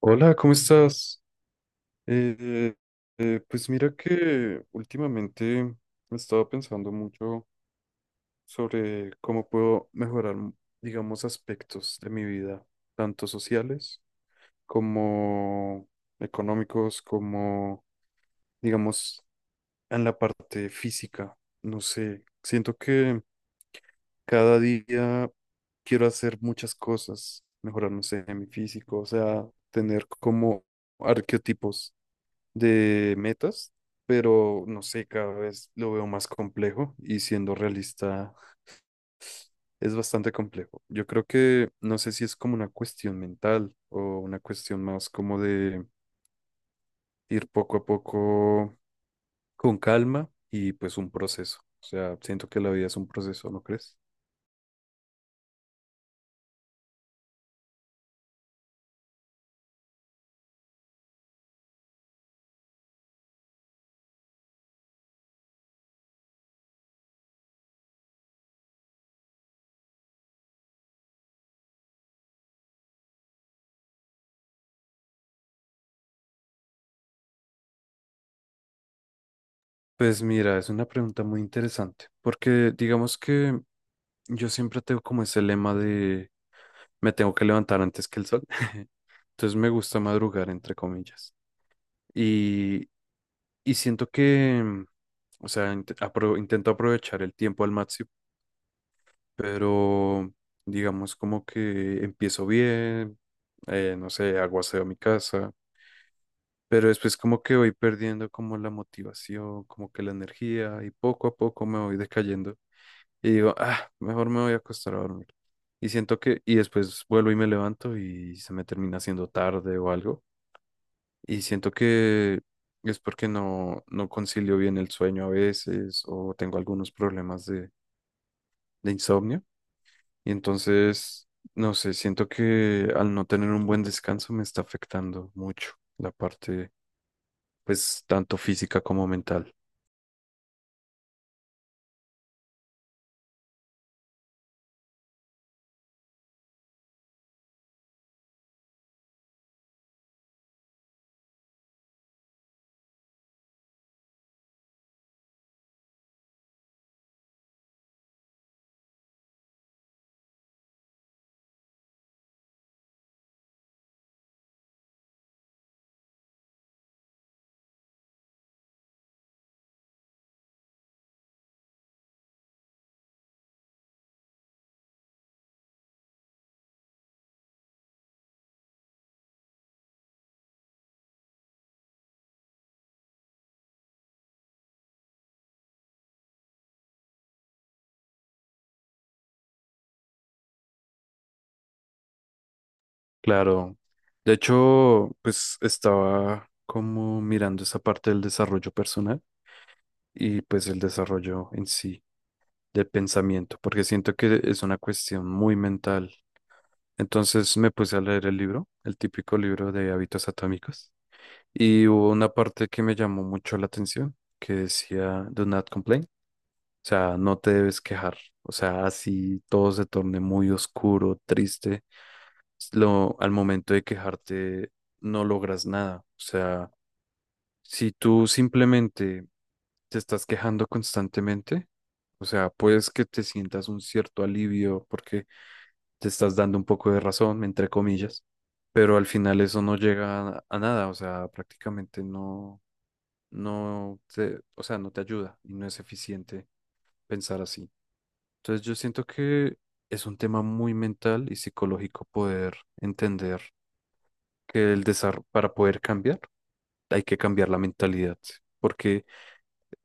Hola, ¿cómo estás? Eh, pues mira que últimamente he estado pensando mucho sobre cómo puedo mejorar, digamos, aspectos de mi vida, tanto sociales como económicos, como, digamos, en la parte física. No sé, siento que cada día quiero hacer muchas cosas, mejorar, no sé, mi físico, o sea, tener como arquetipos de metas, pero no sé, cada vez lo veo más complejo y siendo realista es bastante complejo. Yo creo que no sé si es como una cuestión mental o una cuestión más como de ir poco a poco con calma y pues un proceso. O sea, siento que la vida es un proceso, ¿no crees? Pues mira, es una pregunta muy interesante, porque digamos que yo siempre tengo como ese lema de me tengo que levantar antes que el sol. Entonces me gusta madrugar, entre comillas. Y, y siento que, o sea, intento aprovechar el tiempo al máximo, pero digamos como que empiezo bien, no sé, hago aseo a mi casa, pero después como que voy perdiendo como la motivación, como que la energía y poco a poco me voy decayendo y digo, ah, mejor me voy a acostar a dormir. Y siento que, y después vuelvo y me levanto y se me termina haciendo tarde o algo. Y siento que es porque no concilio bien el sueño a veces o tengo algunos problemas de insomnio. Y entonces, no sé, siento que al no tener un buen descanso me está afectando mucho la parte, pues, tanto física como mental. Claro. De hecho, pues estaba como mirando esa parte del desarrollo personal y pues el desarrollo en sí de pensamiento, porque siento que es una cuestión muy mental. Entonces me puse a leer el libro, el típico libro de hábitos atómicos, y hubo una parte que me llamó mucho la atención, que decía, Do not complain, o sea, no te debes quejar, o sea, así todo se torne muy oscuro, triste, lo, al momento de quejarte no logras nada, o sea, si tú simplemente te estás quejando constantemente, o sea, puedes que te sientas un cierto alivio porque te estás dando un poco de razón, entre comillas, pero al final eso no llega a nada, o sea, prácticamente o sea, no te ayuda y no es eficiente pensar así. Entonces yo siento que es un tema muy mental y psicológico poder entender que el desarrollo, para poder cambiar, hay que cambiar la mentalidad, porque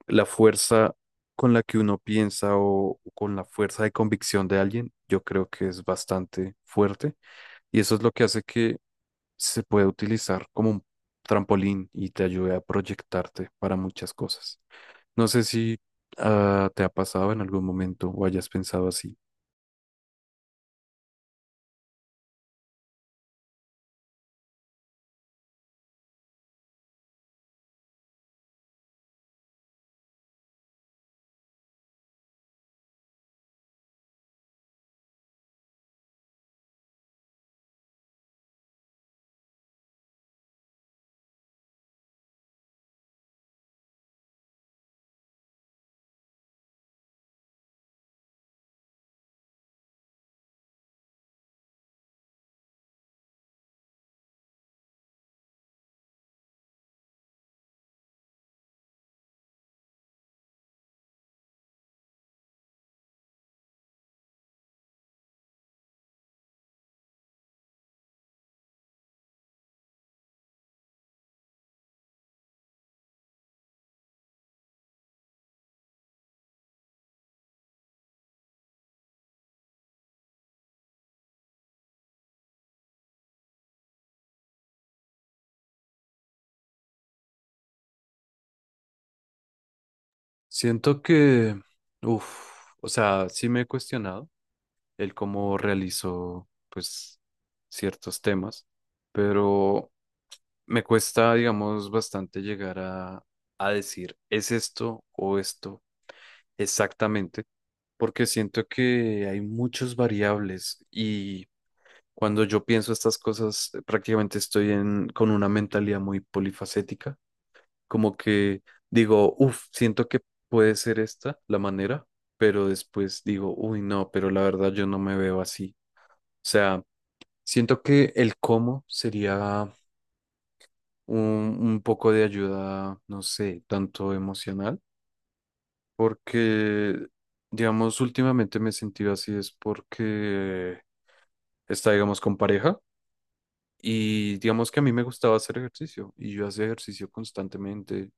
la fuerza con la que uno piensa o con la fuerza de convicción de alguien, yo creo que es bastante fuerte. Y eso es lo que hace que se puede utilizar como un trampolín y te ayuda a proyectarte para muchas cosas. No sé si te ha pasado en algún momento o hayas pensado así. Siento que, uff, o sea, sí me he cuestionado el cómo realizo, pues, ciertos temas, pero me cuesta, digamos, bastante llegar a decir, ¿es esto o esto exactamente? Porque siento que hay muchas variables y cuando yo pienso estas cosas, prácticamente estoy en, con una mentalidad muy polifacética, como que digo, uff, siento que puede ser esta la manera, pero después digo, uy, no, pero la verdad yo no me veo así. O sea, siento que el cómo sería un, un poco de ayuda, no sé, tanto emocional, porque, digamos, últimamente me he sentido así, es porque está, digamos, con pareja. Y digamos que a mí me gustaba hacer ejercicio y yo hacía ejercicio constantemente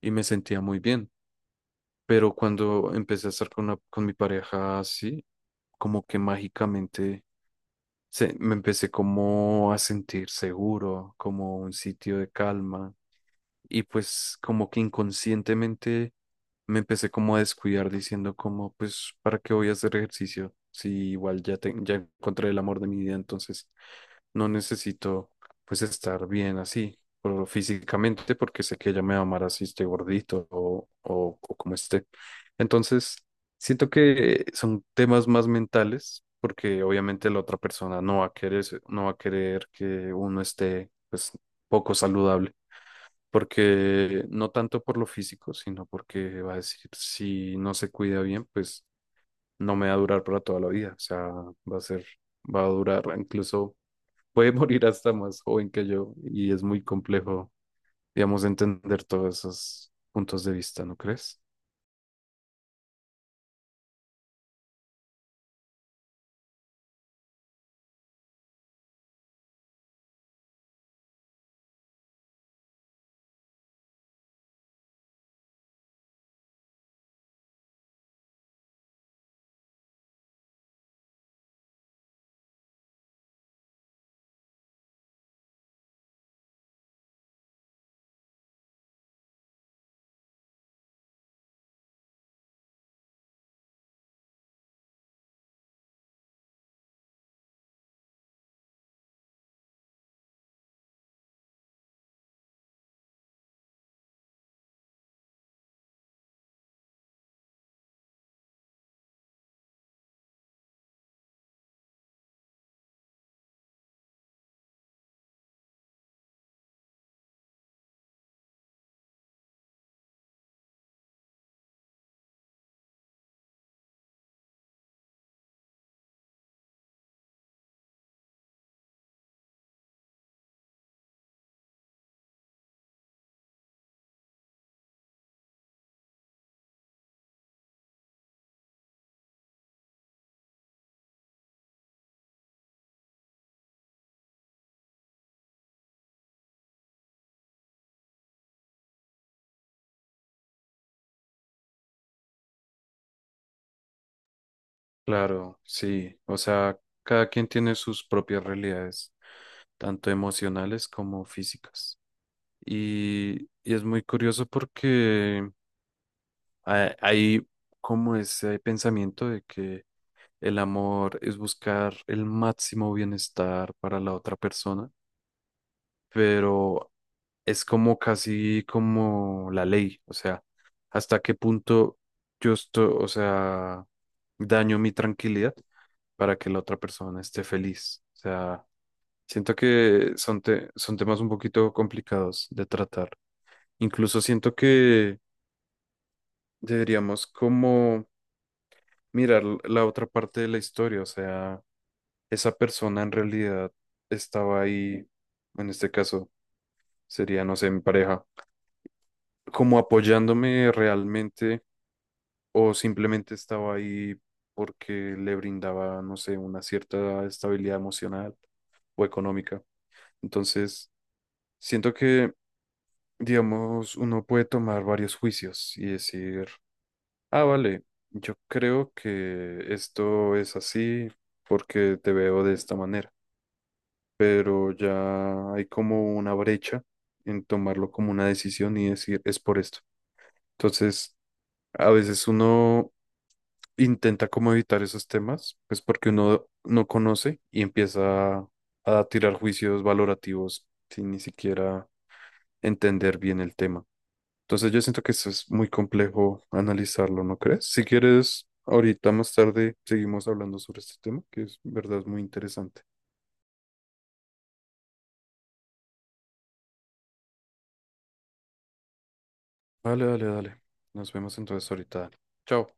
y me sentía muy bien. Pero cuando empecé a estar con, con mi pareja así, como que mágicamente se, me empecé como a sentir seguro, como un sitio de calma. Y pues como que inconscientemente me empecé como a descuidar diciendo como, pues, ¿para qué voy a hacer ejercicio? Si igual ya, ya encontré el amor de mi vida, entonces no necesito pues estar bien así, pero físicamente, porque sé que ella me va a amar así esté gordito o como esté. Entonces, siento que son temas más mentales, porque obviamente la otra persona no va a querer, no va a querer que uno esté pues poco saludable, porque no tanto por lo físico, sino porque va a decir, si no se cuida bien, pues no me va a durar para toda la vida, o sea, va a ser, va a durar incluso puede morir hasta más joven que yo y es muy complejo, digamos, entender todos esos puntos de vista, ¿no crees? Claro, sí, o sea, cada quien tiene sus propias realidades, tanto emocionales como físicas. Y es muy curioso porque hay como ese pensamiento de que el amor es buscar el máximo bienestar para la otra persona, pero es como casi como la ley, o sea, hasta qué punto yo estoy, o sea, daño mi tranquilidad para que la otra persona esté feliz. O sea, siento que son, son temas un poquito complicados de tratar. Incluso siento que deberíamos como mirar la otra parte de la historia, o sea, esa persona en realidad estaba ahí, en este caso sería, no sé, mi pareja, como apoyándome realmente o simplemente estaba ahí porque le brindaba, no sé, una cierta estabilidad emocional o económica. Entonces, siento que, digamos, uno puede tomar varios juicios y decir, ah, vale, yo creo que esto es así porque te veo de esta manera, pero ya hay como una brecha en tomarlo como una decisión y decir, es por esto. Entonces, a veces uno intenta como evitar esos temas, pues porque uno no conoce y empieza a tirar juicios valorativos sin ni siquiera entender bien el tema. Entonces yo siento que eso es muy complejo analizarlo, ¿no crees? Si quieres, ahorita más tarde seguimos hablando sobre este tema, que es verdad es muy interesante. Dale, dale, dale. Nos vemos entonces ahorita. Dani. Chao.